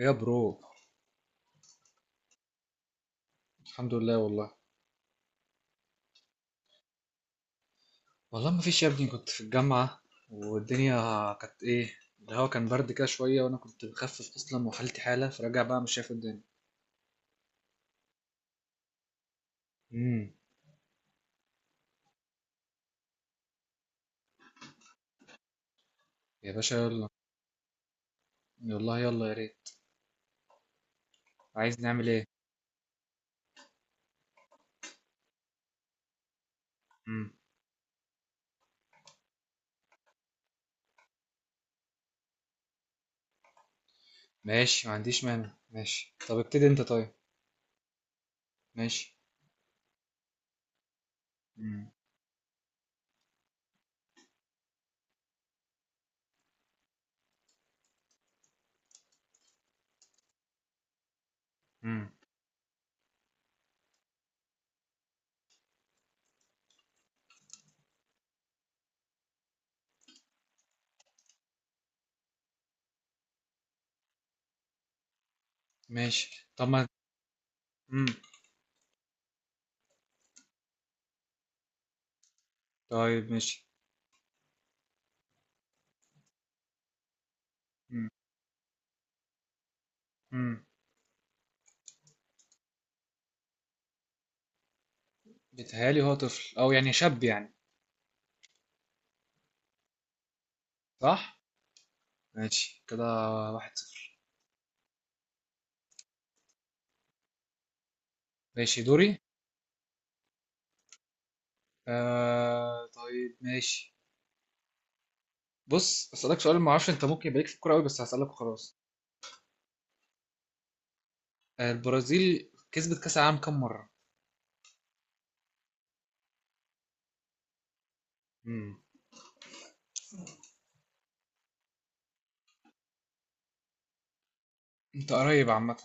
يا برو، الحمد لله والله. والله ما فيش يا ابني، كنت في الجامعة والدنيا كانت ايه، الهوا كان برد كده شوية وانا كنت بخفف اصلا وحالتي حالة، فراجع بقى مش شايف الدنيا. امم. يا باشا يلا، والله يلا يا ريت. عايز نعمل ايه؟ امم. ماشي ما عنديش مانع، ماشي طب ابتدي انت. طيب ماشي. امم. امم. ماشي طب ما. امم. طيب ماشي. امم. امم. بيتهيألي هو طفل او يعني شاب يعني. صح. ماشي كده، واحد صفر. ماشي دوري. آه طيب ماشي. بص اسالك سؤال، ما اعرفش انت ممكن يبقى ليك في الكوره قوي بس هسالك وخلاص. آه، البرازيل كسبت كاس العالم كام مره؟ امم. انت قريب عامه.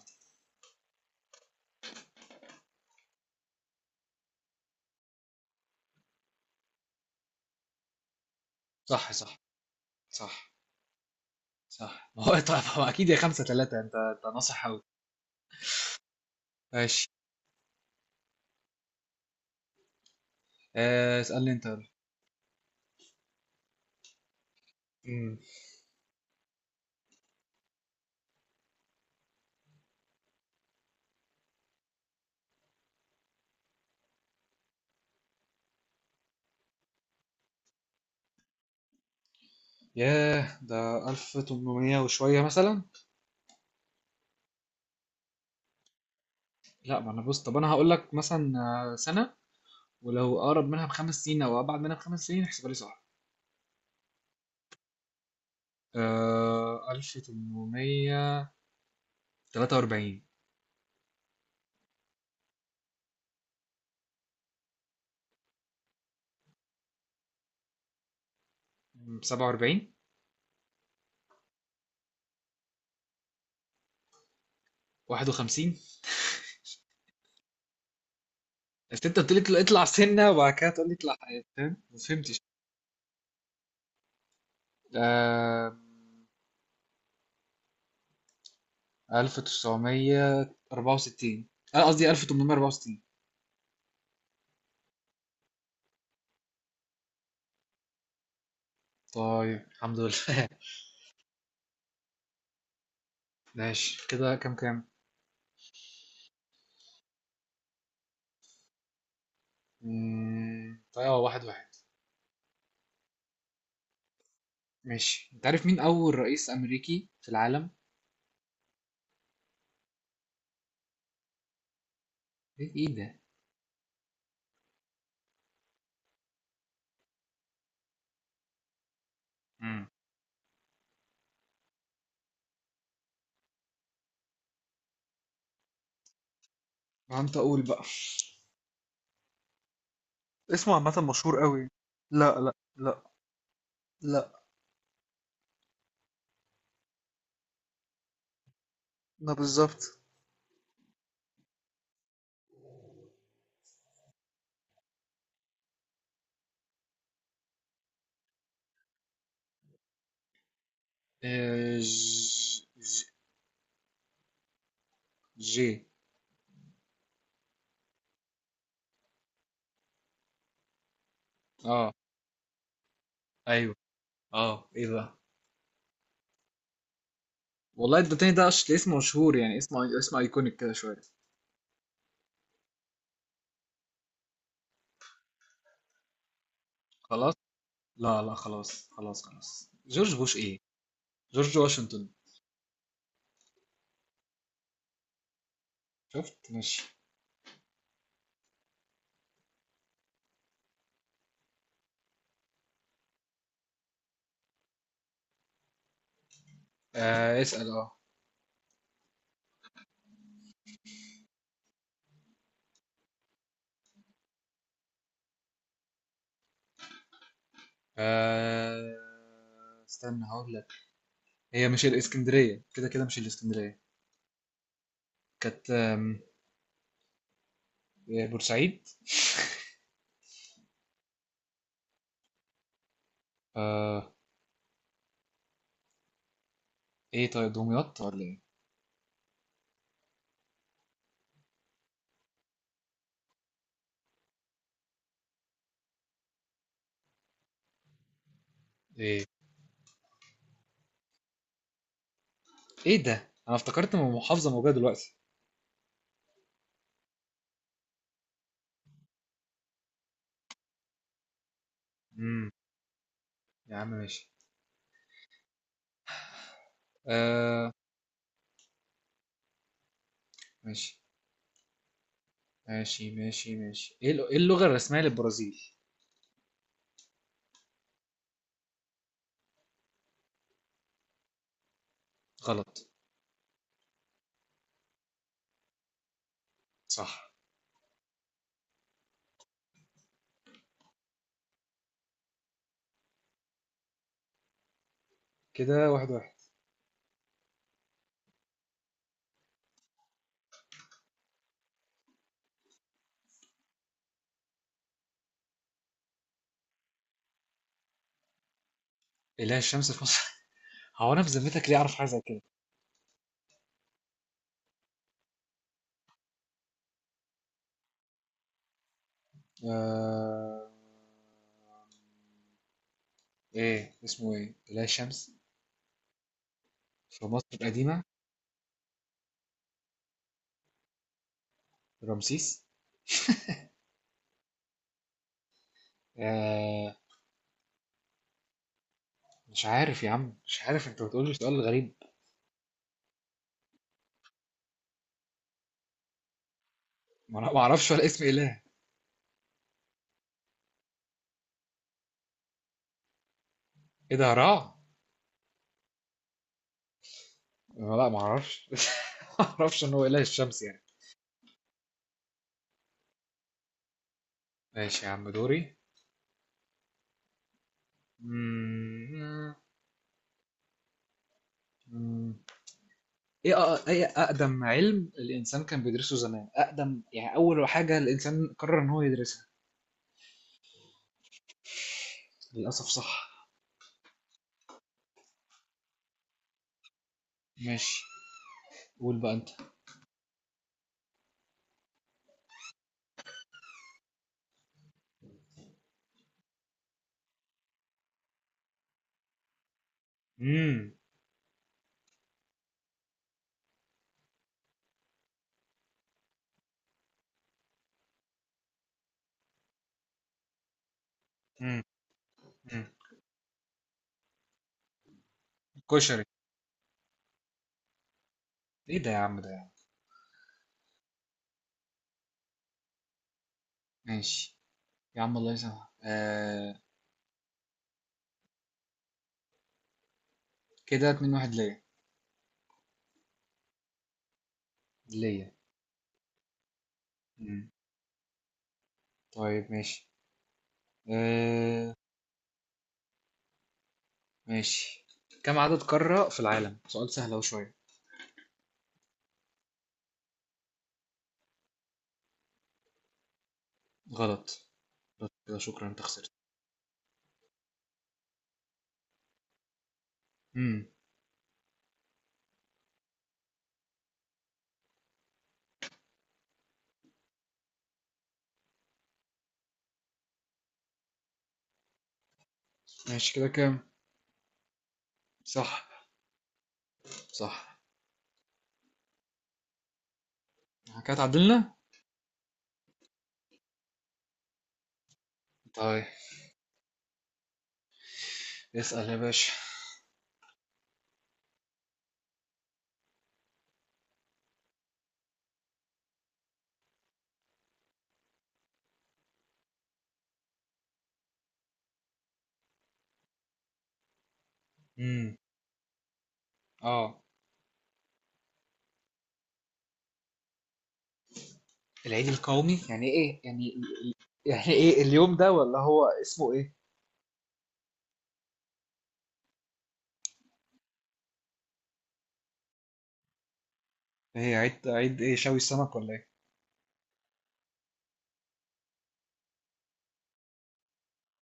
صح صح. صح. صح. ما هو طبعا هو اكيد يا خمسة ثلاثة، انت ناصح قوي. ماشي. آه اسالني انت يلا. امم. ياه، ده 1800 وشويه مثلا. لا، ما انا بص، طب انا هقول لك مثلا. آه، سنه. ولو اقرب منها بخمس سنين او ابعد منها بخمس سنين احسبها لي صح. آه، 1843. 47. 51. بس انت قلت لي اطلع سنه وبعد كده تقول لي اطلع حياه، فاهم؟ ما فهمتش. آم، 1964. انا قصدي 1864. طيب الحمد لله. ماشي كده كام كام؟ مم، طيب اه، واحد واحد. ماشي. انت عارف مين اول رئيس امريكي في العالم؟ ايه؟ إيه ده؟ امم. ما انت اقول بقى. اسمه عامة مشهور قوي. لا لا لا. لا. لا بالظبط. آه، ج... جي. اه. أيوه. آه، إيه بقى؟ والله الدونتيني ده اسم مشهور يعني، اسم اسم أيكونيك كده شوية. خلاص؟ لا لا، خلاص خلاص خلاص، جورج بوش إيه؟ جورج واشنطن. شفت؟ ماشي. آه اسأل آه. استنى هقول لك. هي مش الإسكندرية، كده كده مش الإسكندرية. كانت إيه، بورسعيد. آه. إيه طيب، دمياط ولا إيه؟ إيه. إيه ده؟ أنا افتكرت من محافظة موجودة دلوقتي. امم. يا عم ماشي. آه. ماشي ماشي ماشي ماشي، إيه اللغة الرسمية للبرازيل؟ غلط. صح. كده واحد واحد. إله الشمس في مصر؟ هو أنا في ذمتك ليه أعرف حاجة زي كده؟ آه... إيه اسمه إيه؟ إله الشمس في مصر القديمة؟ رمسيس؟ آه... مش عارف يا عم، مش عارف، أنت بتقول لي سؤال غريب. ما أنا ما أعرفش ولا اسم إله. إيه ده؟ هراع؟ لا، ما أعرفش. ما أعرفش إن هو إله الشمس يعني. ماشي يا عم، دوري. ايه اقدم علم الانسان كان بيدرسه زمان، اقدم يعني اول حاجه الانسان قرر ان هو يدرسها؟ للاسف صح. ماشي. قول بقى انت. امم. امم. امم. كشري. ايه ده يا عم، ده يعني. ماشي يا عم، الله يسامحك. آه. كده اتنين واحد ليا. ليا. امم. طيب ماشي. آه. ماشي. كم عدد قارة في العالم؟ سؤال سهل اهو شويه. غلط. غلط كده، شكرا، انت خسرت. امم. ماشي كده كام؟ صح. صح. كده اتعدلنا. طيب اسأل يا باشا. امم. اه. العيد القومي يعني ايه يعني؟ يعني ايه اليوم ده، ولا هو اسمه ايه؟ ايه عيد؟ عيد ايه، شوي السمك ولا ايه؟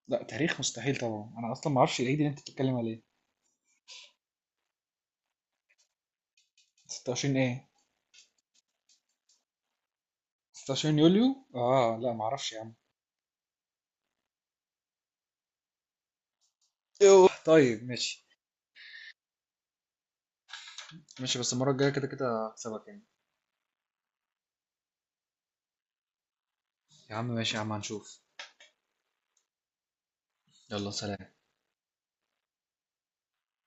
لا تاريخ مستحيل طبعا، انا اصلا ما اعرفش العيد اللي انت بتتكلم عليه. 26 ايه؟ 26 يوليو؟ اه لا، ما اعرفش يا عم. يوه. طيب ماشي. ماشي، بس المرة الجاية كده كده هكسبك يعني. يا عم ماشي يا عم، هنشوف. يلا سلام.